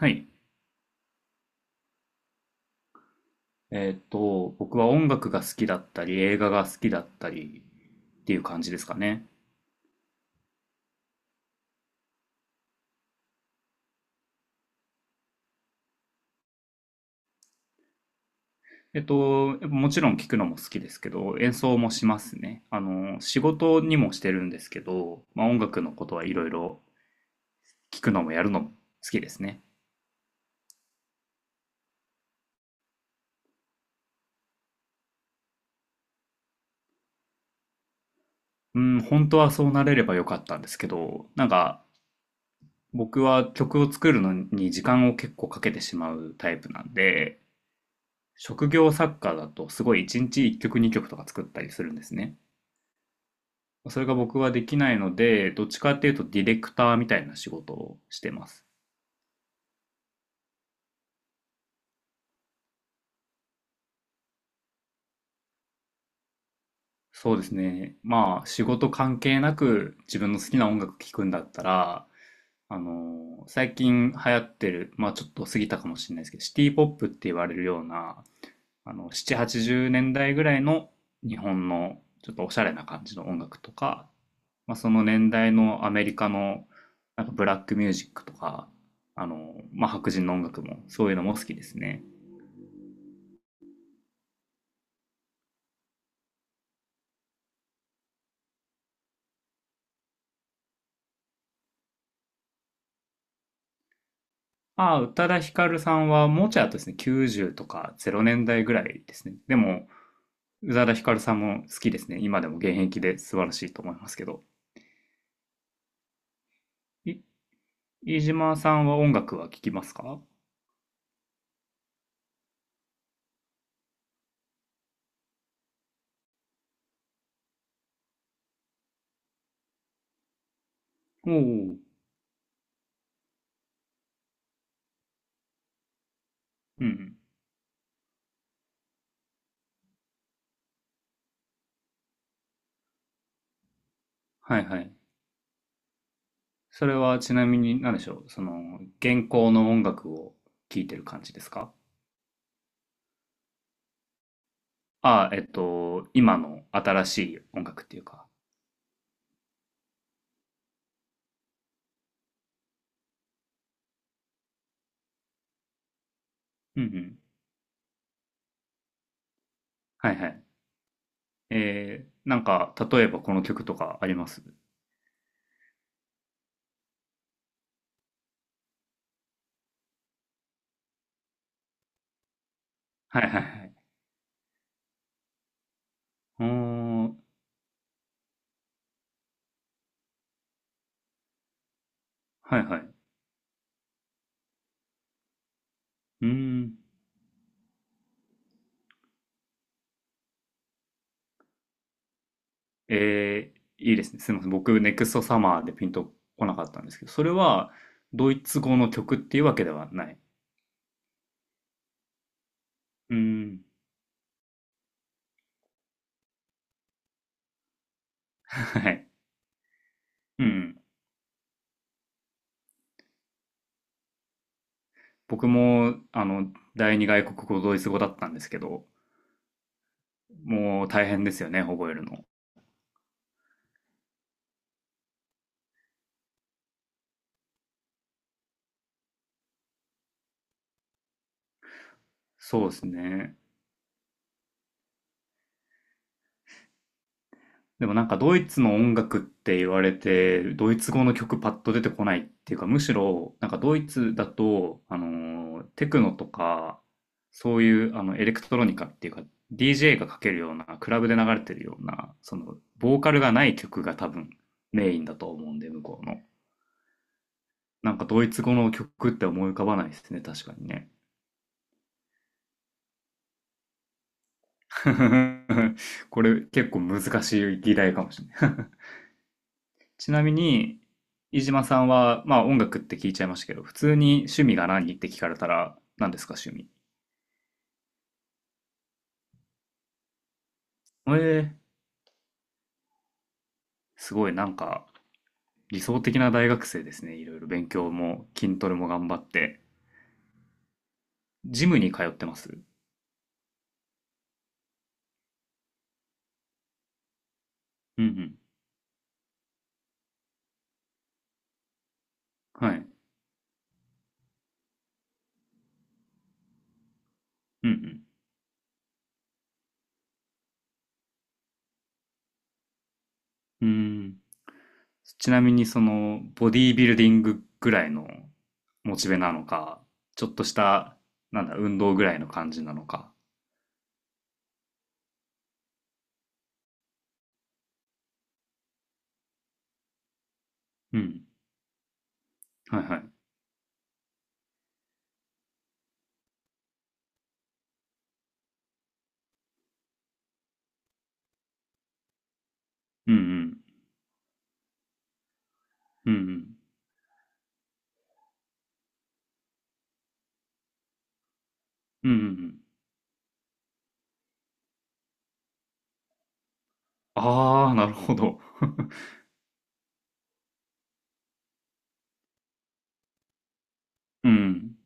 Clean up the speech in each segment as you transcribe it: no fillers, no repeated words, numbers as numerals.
はい。僕は音楽が好きだったり、映画が好きだったりっていう感じですかね。やっぱもちろん聞くのも好きですけど、演奏もしますね。仕事にもしてるんですけど、まあ、音楽のことはいろいろ聞くのもやるのも好きですね。うん、本当はそうなれればよかったんですけど、なんか僕は曲を作るのに時間を結構かけてしまうタイプなんで、職業作家だとすごい1日1曲2曲とか作ったりするんですね。それが僕はできないので、どっちかっていうとディレクターみたいな仕事をしてます。そうですね。まあ、仕事関係なく自分の好きな音楽聴くんだったら、最近流行ってる、まあちょっと過ぎたかもしれないですけど、シティポップって言われるような、7、80年代ぐらいの日本のちょっとおしゃれな感じの音楽とか、まあその年代のアメリカのなんかブラックミュージックとか、まあ白人の音楽もそういうのも好きですね。ああ、宇多田ヒカルさんはもうちょい後ですね、90とか0年代ぐらいですね。でも、宇多田ヒカルさんも好きですね。今でも現役で素晴らしいと思いますけど。い、飯島さんは音楽は聴きますか？おおー、うん。はいはい。それはちなみに何でしょう、その、現行の音楽を聴いてる感じですか？ああ、今の新しい音楽っていうか。うんうん。はいはい。えー、なんか、例えばこの曲とかあります？はいはいはい。おーはいはい。うーん。えー、いいですね。すみません。僕、ネクストサマーでピンとこなかったんですけど、それはドイツ語の曲っていうわけではない。うーん。はい。うん。僕も、第二外国語ドイツ語だったんですけど、もう大変ですよね、覚えるの。そうですね。でもなんかドイツの音楽って言われて、ドイツ語の曲パッと出てこないっていうか、むしろなんかドイツだと、ーテクノとか、そういうあのエレクトロニカっていうか、DJ がかけるような、クラブで流れてるような、そのボーカルがない曲が多分メインだと思うんで、向こうの。なんかドイツ語の曲って思い浮かばないですね、確かにね。これ結構難しい議題かもしれない。ちなみに、飯島さんは、まあ音楽って聞いちゃいましたけど、普通に趣味が何って聞かれたら、何ですか趣味。えー、すごいなんか理想的な大学生ですね。いろいろ勉強も筋トレも頑張って。ジムに通ってます？うんうん。はい。うんうん。うーん。ちなみにその、ボディービルディングぐらいのモチベなのか、ちょっとした、なんだ、運動ぐらいの感じなのか。うん。はいはい。うんうん。うんうん。うんうんうん。ああ、なるほど。うん。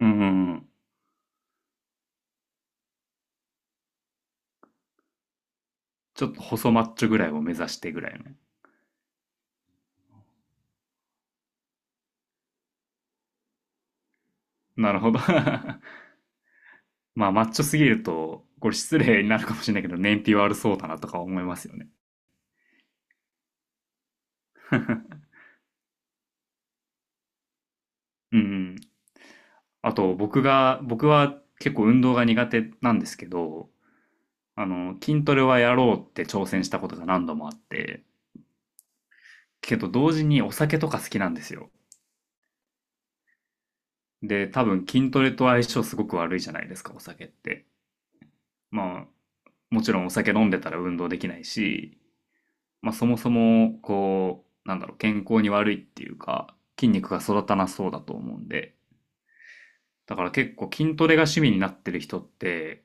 うんうんうん。ちょっと細マッチョぐらいを目指してぐらいのね。なるほど。まあ、マッチョすぎると、これ失礼になるかもしれないけど、燃費悪そうだなとか思いますよね。うんうん。あと、僕が、僕は結構運動が苦手なんですけど、筋トレはやろうって挑戦したことが何度もあって、けど同時にお酒とか好きなんですよ。で、多分筋トレと相性すごく悪いじゃないですか、お酒って。まあ、もちろんお酒飲んでたら運動できないし、まあ、そもそも、こう、なんだろう、健康に悪いっていうか、筋肉が育たなそうだと思うんで、だから結構筋トレが趣味になってる人って、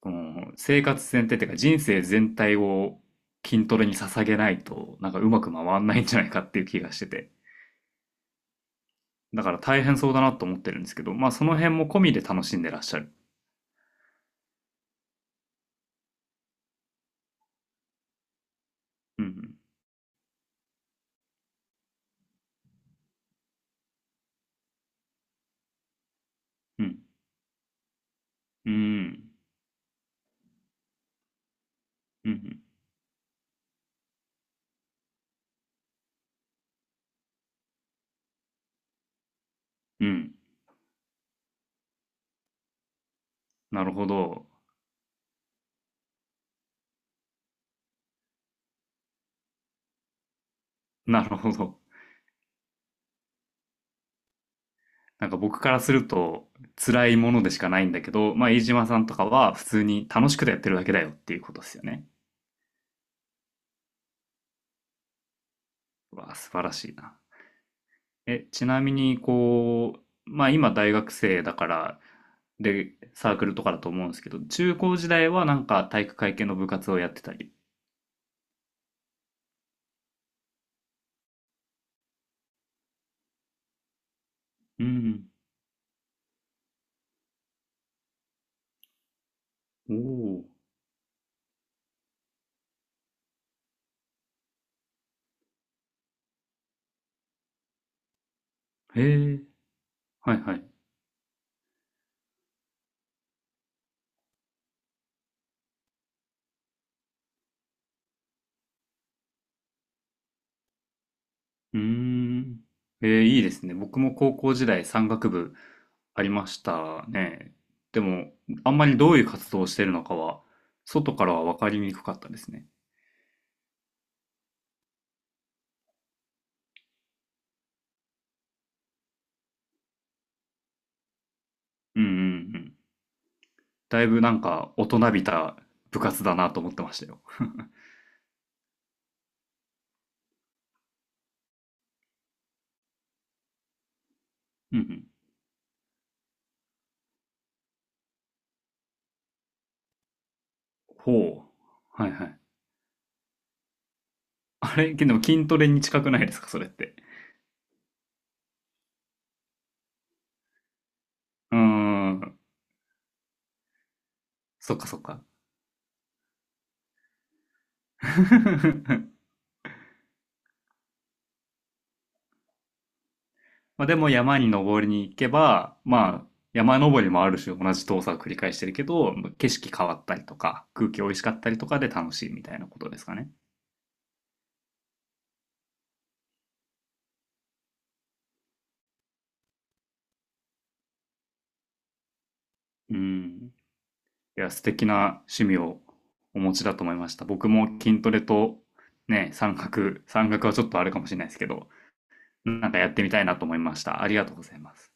この生活全体っていうか人生全体を筋トレに捧げないと、なんかうまく回んないんじゃないかっていう気がしてて。だから大変そうだなと思ってるんですけど、まあその辺も込みで楽しんでらっしゃる。うん、うん、うん、うん、うん。うんなるほど。なるほど。なんか僕からすると辛いものでしかないんだけど、まあ飯島さんとかは普通に楽しくてやってるだけだよっていうことですよね。うわ、素晴らしいな。え、ちなみにこう、まあ今大学生だから、で、サークルとかだと思うんですけど、中高時代はなんか体育会系の部活をやってたり。うん。おお。へえ。はいはいうーん。えー、いいですね。僕も高校時代山岳部ありましたね。でも、あんまりどういう活動をしてるのかは、外からは分かりにくかったですね。うんうんうん。だいぶなんか大人びた部活だなと思ってましたよ。うんうん。ほう。はいはい。あれ、でも筋トレに近くないですか、それって。うーん。そっかそっか。まあ、でも山に登りに行けば、まあ、山登りもある種同じ動作を繰り返してるけど、景色変わったりとか、空気美味しかったりとかで楽しいみたいなことですかね。うん。いや、素敵な趣味をお持ちだと思いました。僕も筋トレとね、山岳、山岳はちょっとあれかもしれないですけど、なんかやってみたいなと思いました。ありがとうございます。